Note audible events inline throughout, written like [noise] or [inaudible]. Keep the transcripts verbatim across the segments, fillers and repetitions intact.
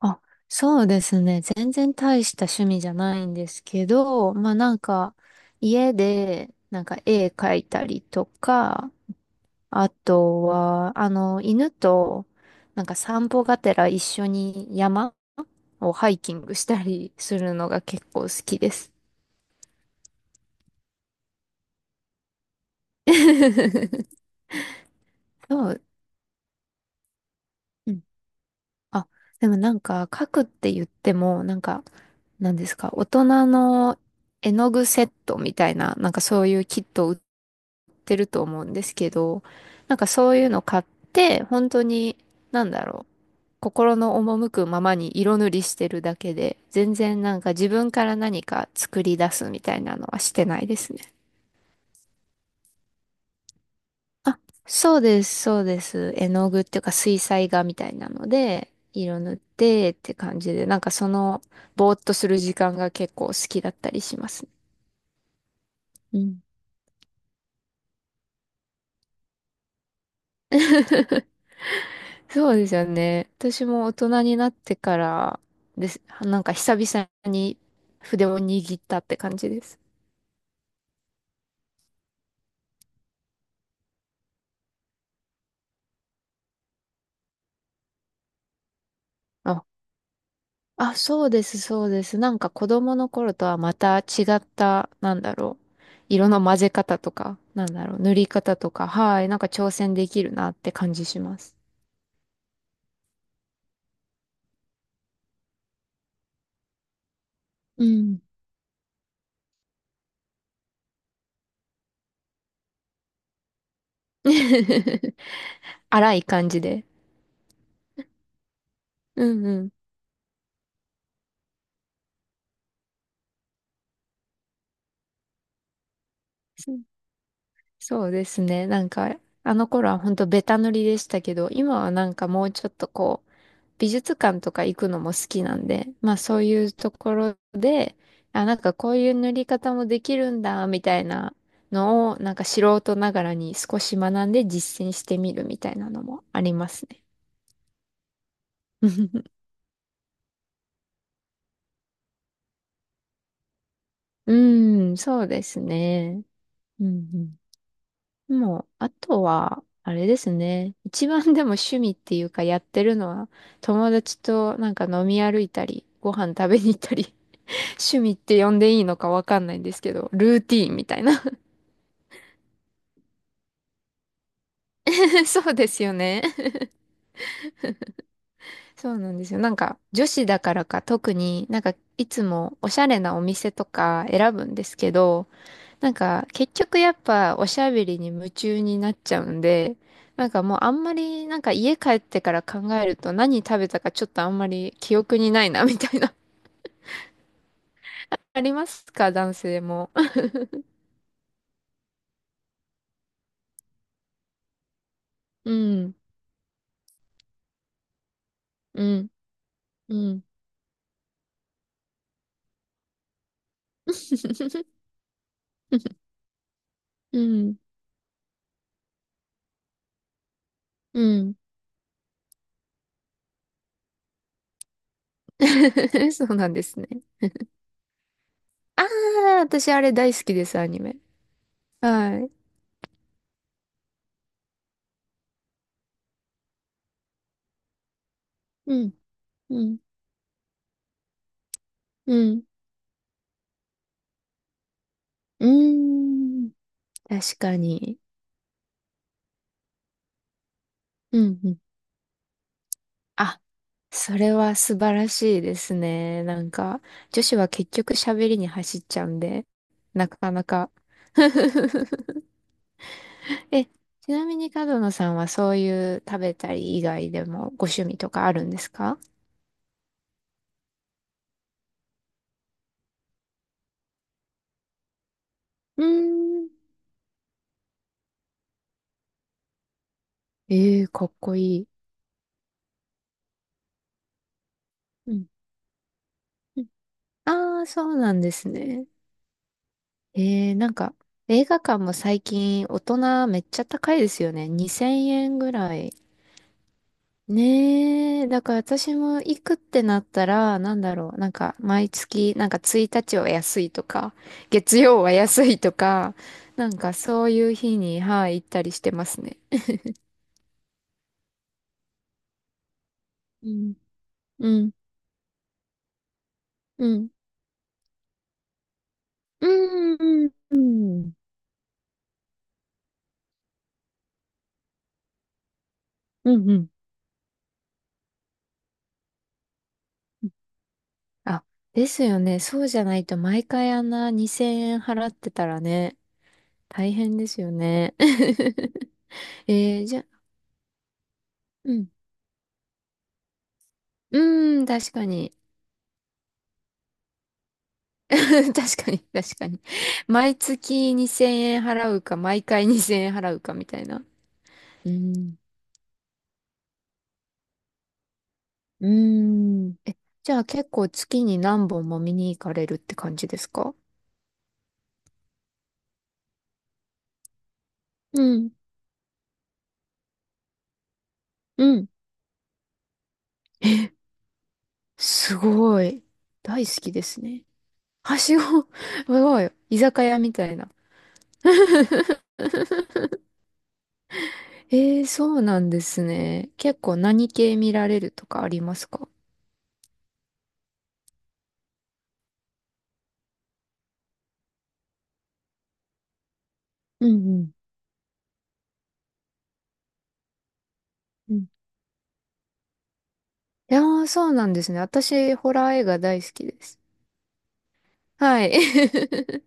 あ、そうですね。全然大した趣味じゃないんですけど、まあなんか、家で、なんか絵描いたりとか、あとは、あの、犬と、なんか散歩がてら一緒に山をハイキングしたりするのが結構好きです。[laughs] そう。うん、あ、でもなんか、描くって言っても、なんか、なんですか、大人の絵の具セットみたいな、なんかそういうキットを売ってると思うんですけど、なんかそういうの買って、本当に、なんだろう、心の赴くままに色塗りしてるだけで、全然なんか自分から何か作り出すみたいなのはしてないですね。あ、そうです、そうです。絵の具っていうか水彩画みたいなので、色塗ってって感じで、なんかその、ぼーっとする時間が結構好きだったりしますね。うん。 [laughs] そうですよね。私も大人になってからです。なんか久々に筆を握ったって感じです。あ、あ、そうです、そうです。なんか子供の頃とはまた違った、なんだろう。色の混ぜ方とか、なんだろう。塗り方とか、はい。なんか挑戦できるなって感じします。うん。[laughs] 荒い感じで。うんうん。そうですね。なんか、あの頃は本当ベタ塗りでしたけど、今はなんかもうちょっとこう、美術館とか行くのも好きなんで、まあそういうところで、あ、なんかこういう塗り方もできるんだ、みたいなのを、なんか素人ながらに少し学んで実践してみるみたいなのもありますね。[laughs] うん、そうですね。うんうん、もう、あとは、あれですね。一番でも趣味っていうかやってるのは、友達となんか飲み歩いたり、ご飯食べに行ったり、[laughs] 趣味って呼んでいいのかわかんないんですけど、ルーティーンみたいな。[laughs] そうですよね。[laughs] そうなんですよ。なんか、女子だからか特になんか、いつもおしゃれなお店とか選ぶんですけど、なんか、結局やっぱおしゃべりに夢中になっちゃうんで、なんかもうあんまり、なんか家帰ってから考えると何食べたかちょっとあんまり記憶にないな、みたいな。[laughs] ありますか男性も。[laughs] うん、うん、うん。[laughs] うん、うん。[laughs] そうなんですね。ああ、私あれ大好きです、アニメ。はい。うん、うん、うん。うーん、確かに。うん、うん。あ、それは素晴らしいですね。なんか、女子は結局喋りに走っちゃうんで、なかなか。[laughs] え、ちなみに角野さんはそういう食べたり以外でもご趣味とかあるんですか？うーん。ええかっこいい。うん。ああー、そうなんですね。ええなんか、映画館も最近大人めっちゃ高いですよね。にせんえんぐらい。ねえ、だから私も行くってなったら、なんだろう、なんか毎月、なんかついたちは安いとか、月曜は安いとか、なんかそういう日に、はい、行ったりしてますね。うん、うん、うん、うん、うん、うん、うん。あ、ですよね。そうじゃないと毎回あんなにせんえん払ってたらね、大変ですよね。[laughs] えー、じゃ、うん、うーん、確かに。[laughs] 確かに、確かに。毎月にせんえん払うか、毎回にせんえん払うかみたいな。うん。うーん。え、じゃあ結構月に何本も見に行かれるって感じですか？うん、うん。え、すごい。大好きですね。はしご、[laughs] すごい。居酒屋みたいな。えー、そうなんですね。結構何系見られるとかありますか？うんうんうん。いやー、そうなんですね。私、ホラー映画大好きです。はい。[laughs]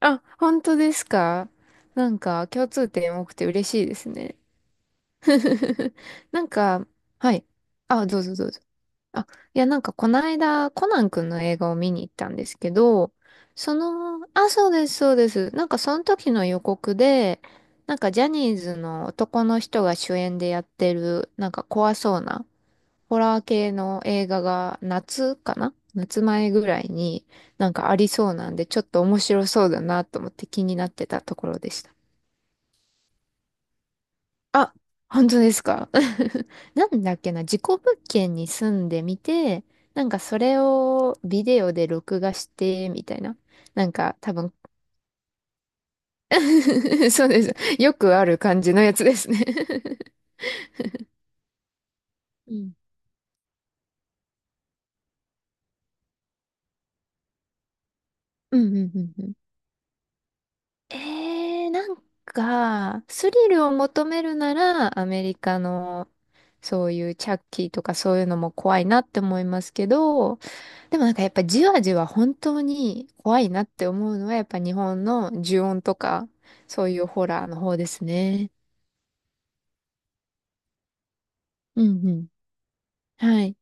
あ、本当ですか？なんか共通点多くて嬉しいですね。[laughs] なんか、はい。あ、どうぞどうぞ。あ、いや、なんかこの間、コナン君の映画を見に行ったんですけど、その、あ、そうです、そうです。なんかその時の予告で、なんかジャニーズの男の人が主演でやってる、なんか怖そうなホラー系の映画が夏かな夏前ぐらいになんかありそうなんで、ちょっと面白そうだなと思って気になってたところでした。あ、本当ですか？ [laughs] なんだっけな、事故物件に住んでみて、なんかそれをビデオで録画して、みたいな。なんか多分 [laughs] そうです。よくある感じのやつですね。 [laughs] うん。うんうんうんうん、えー、なんか、スリルを求めるなら、アメリカの、そういうチャッキーとかそういうのも怖いなって思いますけど、でもなんかやっぱじわじわ本当に怖いなって思うのは、やっぱ日本の呪怨とか、そういうホラーの方ですね。うんうん。はい。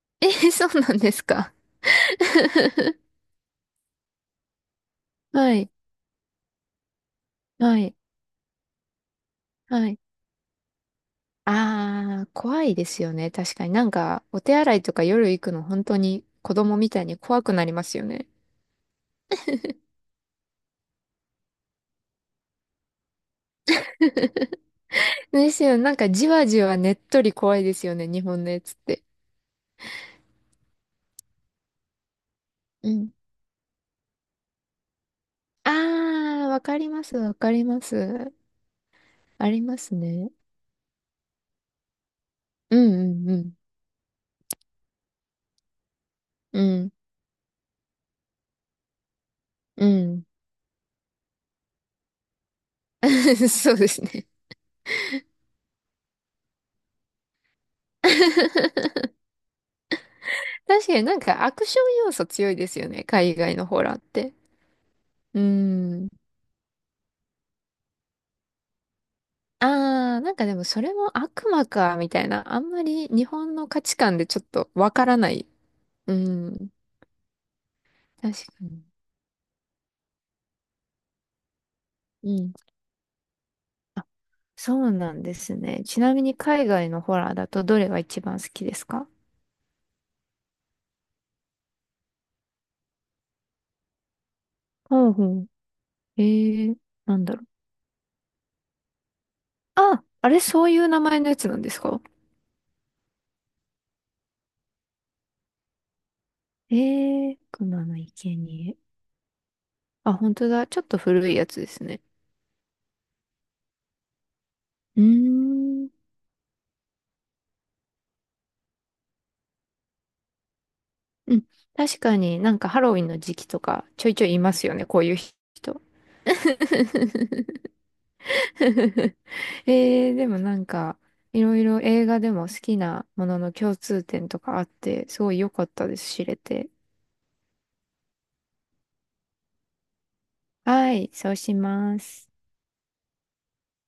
[laughs] えー、そうなんですか。[laughs] はい、はい、はい。ああ、怖いですよね。確かになんか、お手洗いとか夜行くの本当に子供みたいに怖くなりますよね。ですよ。なんかじわじわねっとり怖いですよね、日本のやつって。うん。ああ、わかります、わかります。ありますね。うんうんうん。うん。うん。[laughs] そうですね。[laughs] 確かになんかアクション要素強いですよね、海外のホラーって。うん。ああ、なんかでもそれも悪魔か、みたいな。あんまり日本の価値観でちょっとわからない。うん。確かに。うん。そうなんですね。ちなみに海外のホラーだとどれが一番好きですか？ほうほう。えー、なんだろう。あ、あれ、そういう名前のやつなんですか？えー、熊の生贄。あ、本当だ。ちょっと古いやつですね。うーん。うん。確かになんかハロウィンの時期とかちょいちょいいますよね、こういう人。[laughs] えー、でもなんか、いろいろ映画でも好きなものの共通点とかあって、すごい良かったです、知れて。はい、そうします。